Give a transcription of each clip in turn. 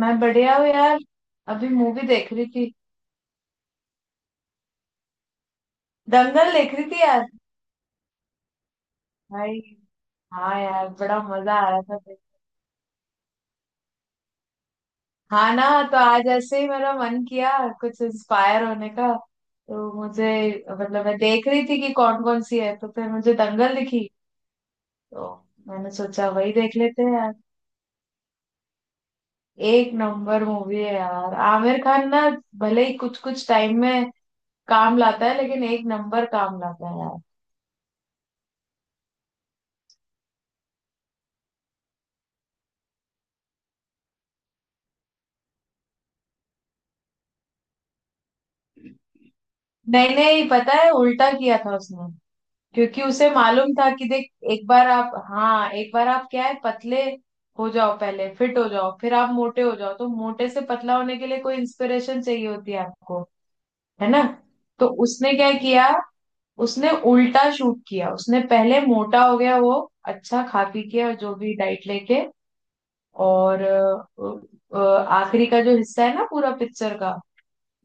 मैं बढ़िया हूँ यार। अभी मूवी देख रही थी। दंगल देख रही थी यार। भाई। हाँ यार, बड़ा मजा आ रहा था भाई। हाँ ना। तो आज ऐसे ही मेरा मन किया कुछ इंस्पायर होने का। तो मुझे, मतलब मैं देख रही थी कि कौन कौन सी है, तो फिर मुझे दंगल दिखी। तो मैंने सोचा वही देख लेते हैं यार। एक नंबर मूवी है यार, आमिर खान ना, भले ही कुछ कुछ टाइम में काम लाता है, लेकिन एक नंबर काम लाता है यार। नहीं नहीं, पता है उल्टा किया था उसने। क्योंकि उसे मालूम था कि देख, एक बार आप, हाँ, एक बार आप क्या है, पतले हो जाओ पहले, फिट हो जाओ, फिर आप मोटे हो जाओ, तो मोटे से पतला होने के लिए कोई इंस्पिरेशन चाहिए होती है आपको। है ना? तो उसने क्या किया, उसने उल्टा शूट किया। उसने पहले मोटा हो गया वो, अच्छा खा पी के और जो भी डाइट लेके, और आखिरी का जो हिस्सा है ना पूरा पिक्चर का,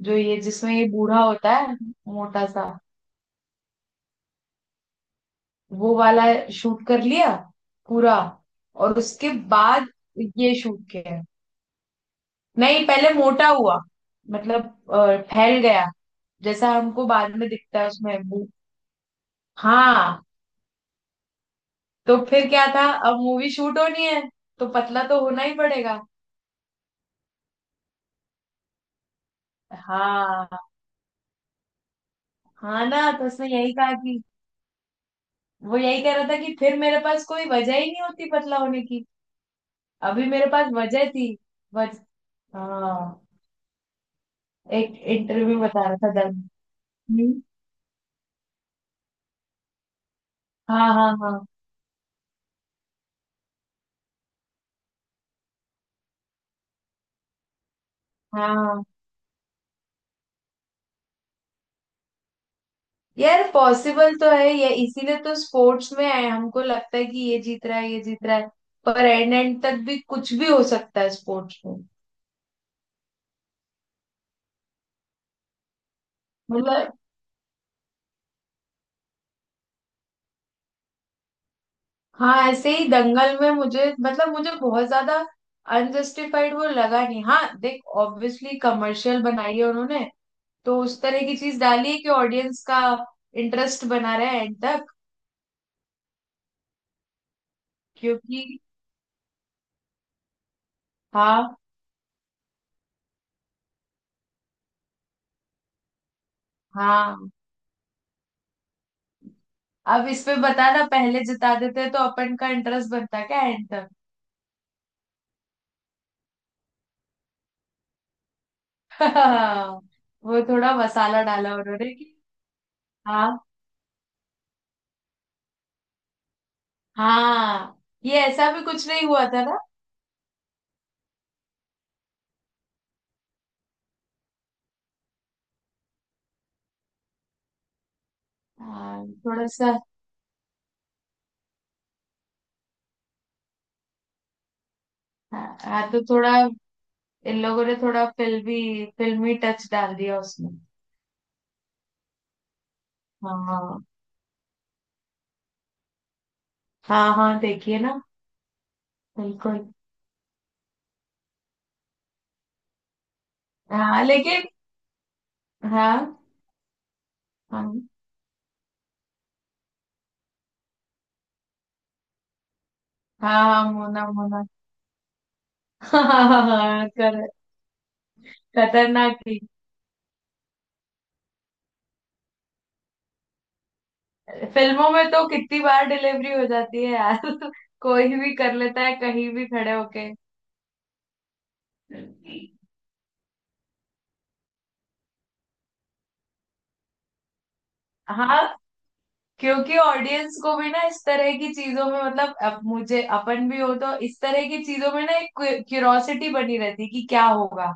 जो ये जिसमें ये बूढ़ा होता है, मोटा सा, वो वाला शूट कर लिया पूरा। और उसके बाद ये शूट किया। नहीं, पहले मोटा हुआ, मतलब फैल गया, जैसा हमको बाद में दिखता है उसमें हाँ। तो फिर क्या था, अब मूवी शूट होनी है, तो पतला तो होना ही पड़ेगा। हाँ। हाँ ना, तो उसने यही कहा कि, वो यही कह रहा था कि फिर मेरे पास कोई वजह ही नहीं होती पतला होने की। अभी मेरे पास वजह थी। वज हाँ। एक इंटरव्यू बता रहा था। दर्द। हाँ हाँ हाँ। हाँ यार, पॉसिबल तो है ये, इसीलिए तो स्पोर्ट्स में है, हमको लगता है कि ये जीत रहा है ये जीत रहा है, पर एंड एंड तक भी कुछ भी हो सकता है स्पोर्ट्स में। मतलब हाँ, ऐसे ही दंगल में मुझे, मतलब मुझे बहुत ज्यादा अनजस्टिफाइड वो लगा नहीं। हाँ देख, ऑब्वियसली कमर्शियल बनाई है उन्होंने, तो उस तरह की चीज डाली है कि ऑडियंस का इंटरेस्ट बना रहे एंड तक। क्योंकि, हाँ हाँ। अब इस पे बता ना, पहले जिता देते तो अपन का इंटरेस्ट बनता क्या एंड तक। वो थोड़ा मसाला डाला उन्होंने कि। हाँ हाँ। ये ऐसा भी कुछ नहीं हुआ था ना। हाँ, थोड़ा सा। हाँ हाँ, तो थोड़ा, इन लोगों ने थोड़ा फिल्मी फिल्मी टच डाल दिया उसमें। हाँ हाँ हाँ, देखिए ना। बिल्कुल। हाँ, लेकिन हाँ। हाँ हाँ हाँ, मोना मोना। हाँ। हाँ हाँ, खतरनाक थी। फिल्मों में तो कितनी बार डिलीवरी हो जाती है यार। कोई भी कर लेता है कहीं भी खड़े होके। हाँ, क्योंकि ऑडियंस को भी ना, इस तरह की चीजों में, मतलब अब मुझे अपन भी हो तो इस तरह की चीजों में ना, एक क्यूरोसिटी बनी रहती है कि क्या होगा,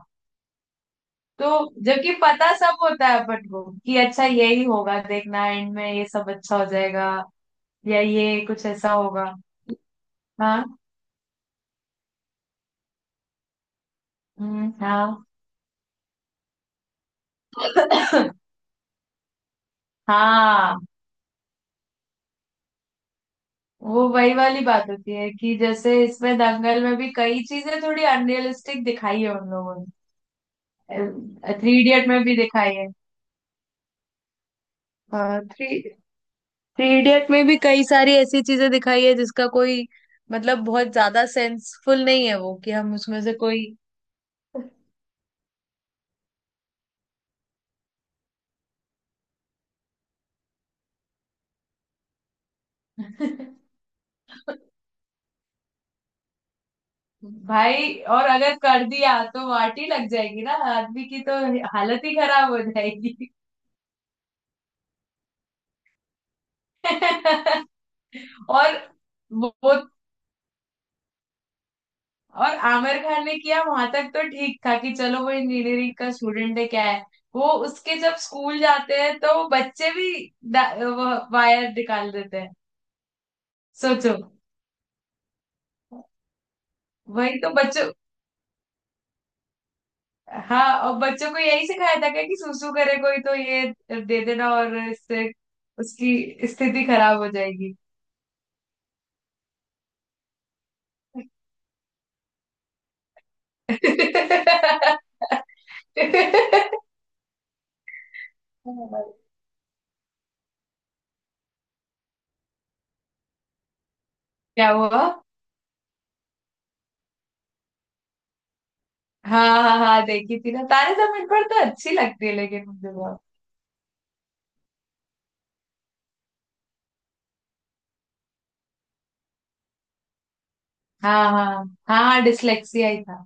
तो जबकि पता सब होता है अपन को कि अच्छा यही होगा, देखना एंड में ये सब अच्छा हो जाएगा, या ये कुछ ऐसा होगा। हाँ। हाँ। हाँ, वो वही वाली बात होती है कि जैसे इसमें दंगल में भी कई चीजें थोड़ी अनरियलिस्टिक दिखाई है उन लोगों ने, थ्री इडियट में भी दिखाई है। हाँ, थ्री थ्री इडियट में भी कई सारी ऐसी चीजें दिखाई है जिसका कोई मतलब बहुत ज्यादा सेंसफुल नहीं है वो, कि हम उसमें से कोई। भाई, और अगर कर दिया तो वाटी लग जाएगी ना आदमी की, तो हालत ही खराब हो जाएगी। और वो, और आमिर खान ने किया वहां तक तो ठीक था कि चलो, वो इंजीनियरिंग का स्टूडेंट है क्या है, वो उसके जब स्कूल जाते हैं तो बच्चे भी वायर निकाल देते हैं, सोचो। वही तो बच्चों, हाँ, और बच्चों को यही सिखाया था क्या कि सुसु करे कोई तो ये दे देना, और इससे उसकी स्थिति खराब हो जाएगी। क्या हुआ। हाँ हाँ हाँ, देखी थी ना तारे जमीन पर, तो अच्छी लगती है लेकिन मुझे बहुत, हाँ हाँ। हाँ, डिसलेक्सिया ही था।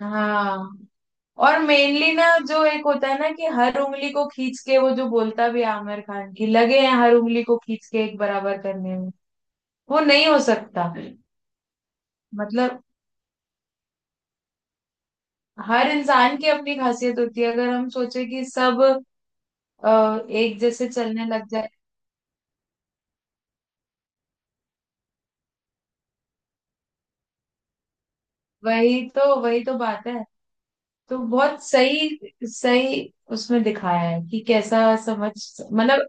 हाँ, और मेनली ना जो एक होता है ना कि हर उंगली को खींच के, वो जो बोलता भी है आमिर खान की लगे हैं हर उंगली को खींच के एक बराबर करने में, वो नहीं हो सकता। मतलब हर इंसान की अपनी खासियत होती है, अगर हम सोचे कि सब एक जैसे चलने लग जाए, वही तो बात है। तो बहुत सही सही उसमें दिखाया है कि कैसा समझ, मतलब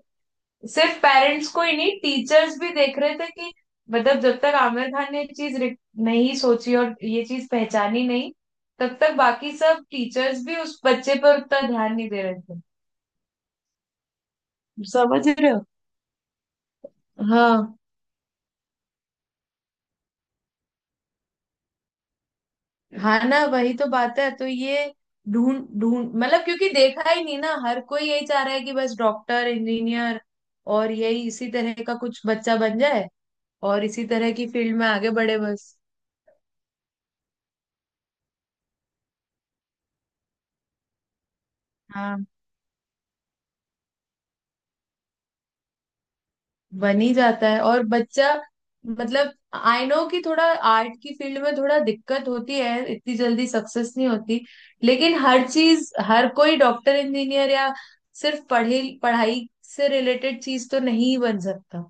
सिर्फ पेरेंट्स को ही नहीं, टीचर्स भी देख रहे थे कि, मतलब जब तक आमिर खान ने ये चीज नहीं सोची और ये चीज पहचानी नहीं, तब तक बाकी सब टीचर्स भी उस बच्चे पर उतना ध्यान नहीं दे रहे थे। समझ रहे हो? हाँ। हाँ ना, वही तो बात है। तो ये ढूंढ ढूंढ, मतलब क्योंकि देखा ही नहीं ना, हर कोई यही चाह रहा है कि बस डॉक्टर इंजीनियर, और यही, इसी तरह का कुछ बच्चा बन जाए, और इसी तरह की फील्ड में आगे बढ़े बस, बन ही जाता है। और बच्चा, मतलब आई नो कि थोड़ा, आर्ट की फील्ड में थोड़ा दिक्कत होती है, इतनी जल्दी सक्सेस नहीं होती, लेकिन हर चीज, हर कोई डॉक्टर इंजीनियर या सिर्फ पढ़े पढ़ाई से रिलेटेड चीज तो नहीं बन सकता।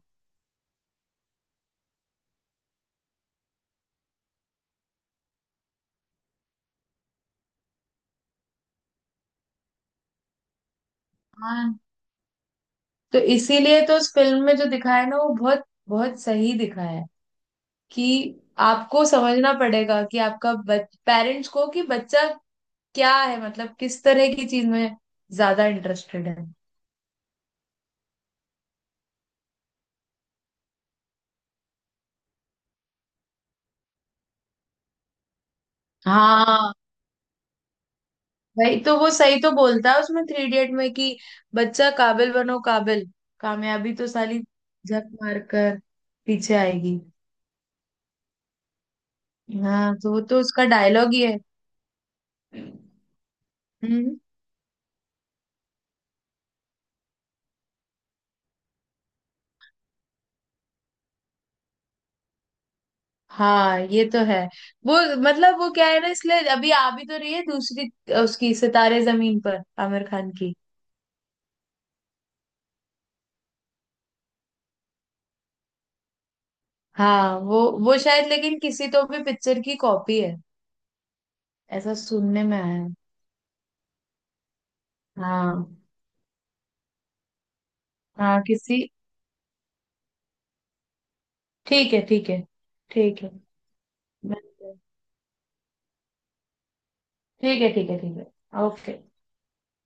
हाँ। तो इसीलिए तो उस फिल्म में जो दिखाया है ना, वो बहुत बहुत सही दिखाया है कि आपको समझना पड़ेगा, कि आपका, पेरेंट्स को कि बच्चा क्या है, मतलब किस तरह की चीज में ज्यादा इंटरेस्टेड है। हाँ। भाई, तो वो सही तो बोलता है उसमें थ्री इडियट में कि बच्चा काबिल बनो काबिल, कामयाबी तो साली झक मार कर पीछे आएगी। हाँ, तो वो तो उसका डायलॉग ही है। हम्म। हाँ, ये तो है। वो, मतलब वो क्या है ना, इसलिए अभी आ भी तो रही है दूसरी उसकी, सितारे जमीन पर आमिर खान की। हाँ, वो शायद, लेकिन किसी तो भी पिक्चर की कॉपी है, ऐसा सुनने में आया है। हाँ हाँ, किसी। ठीक है, ठीक है। ठीक है। ठीक है, ठीक है, ठीक है। ओके।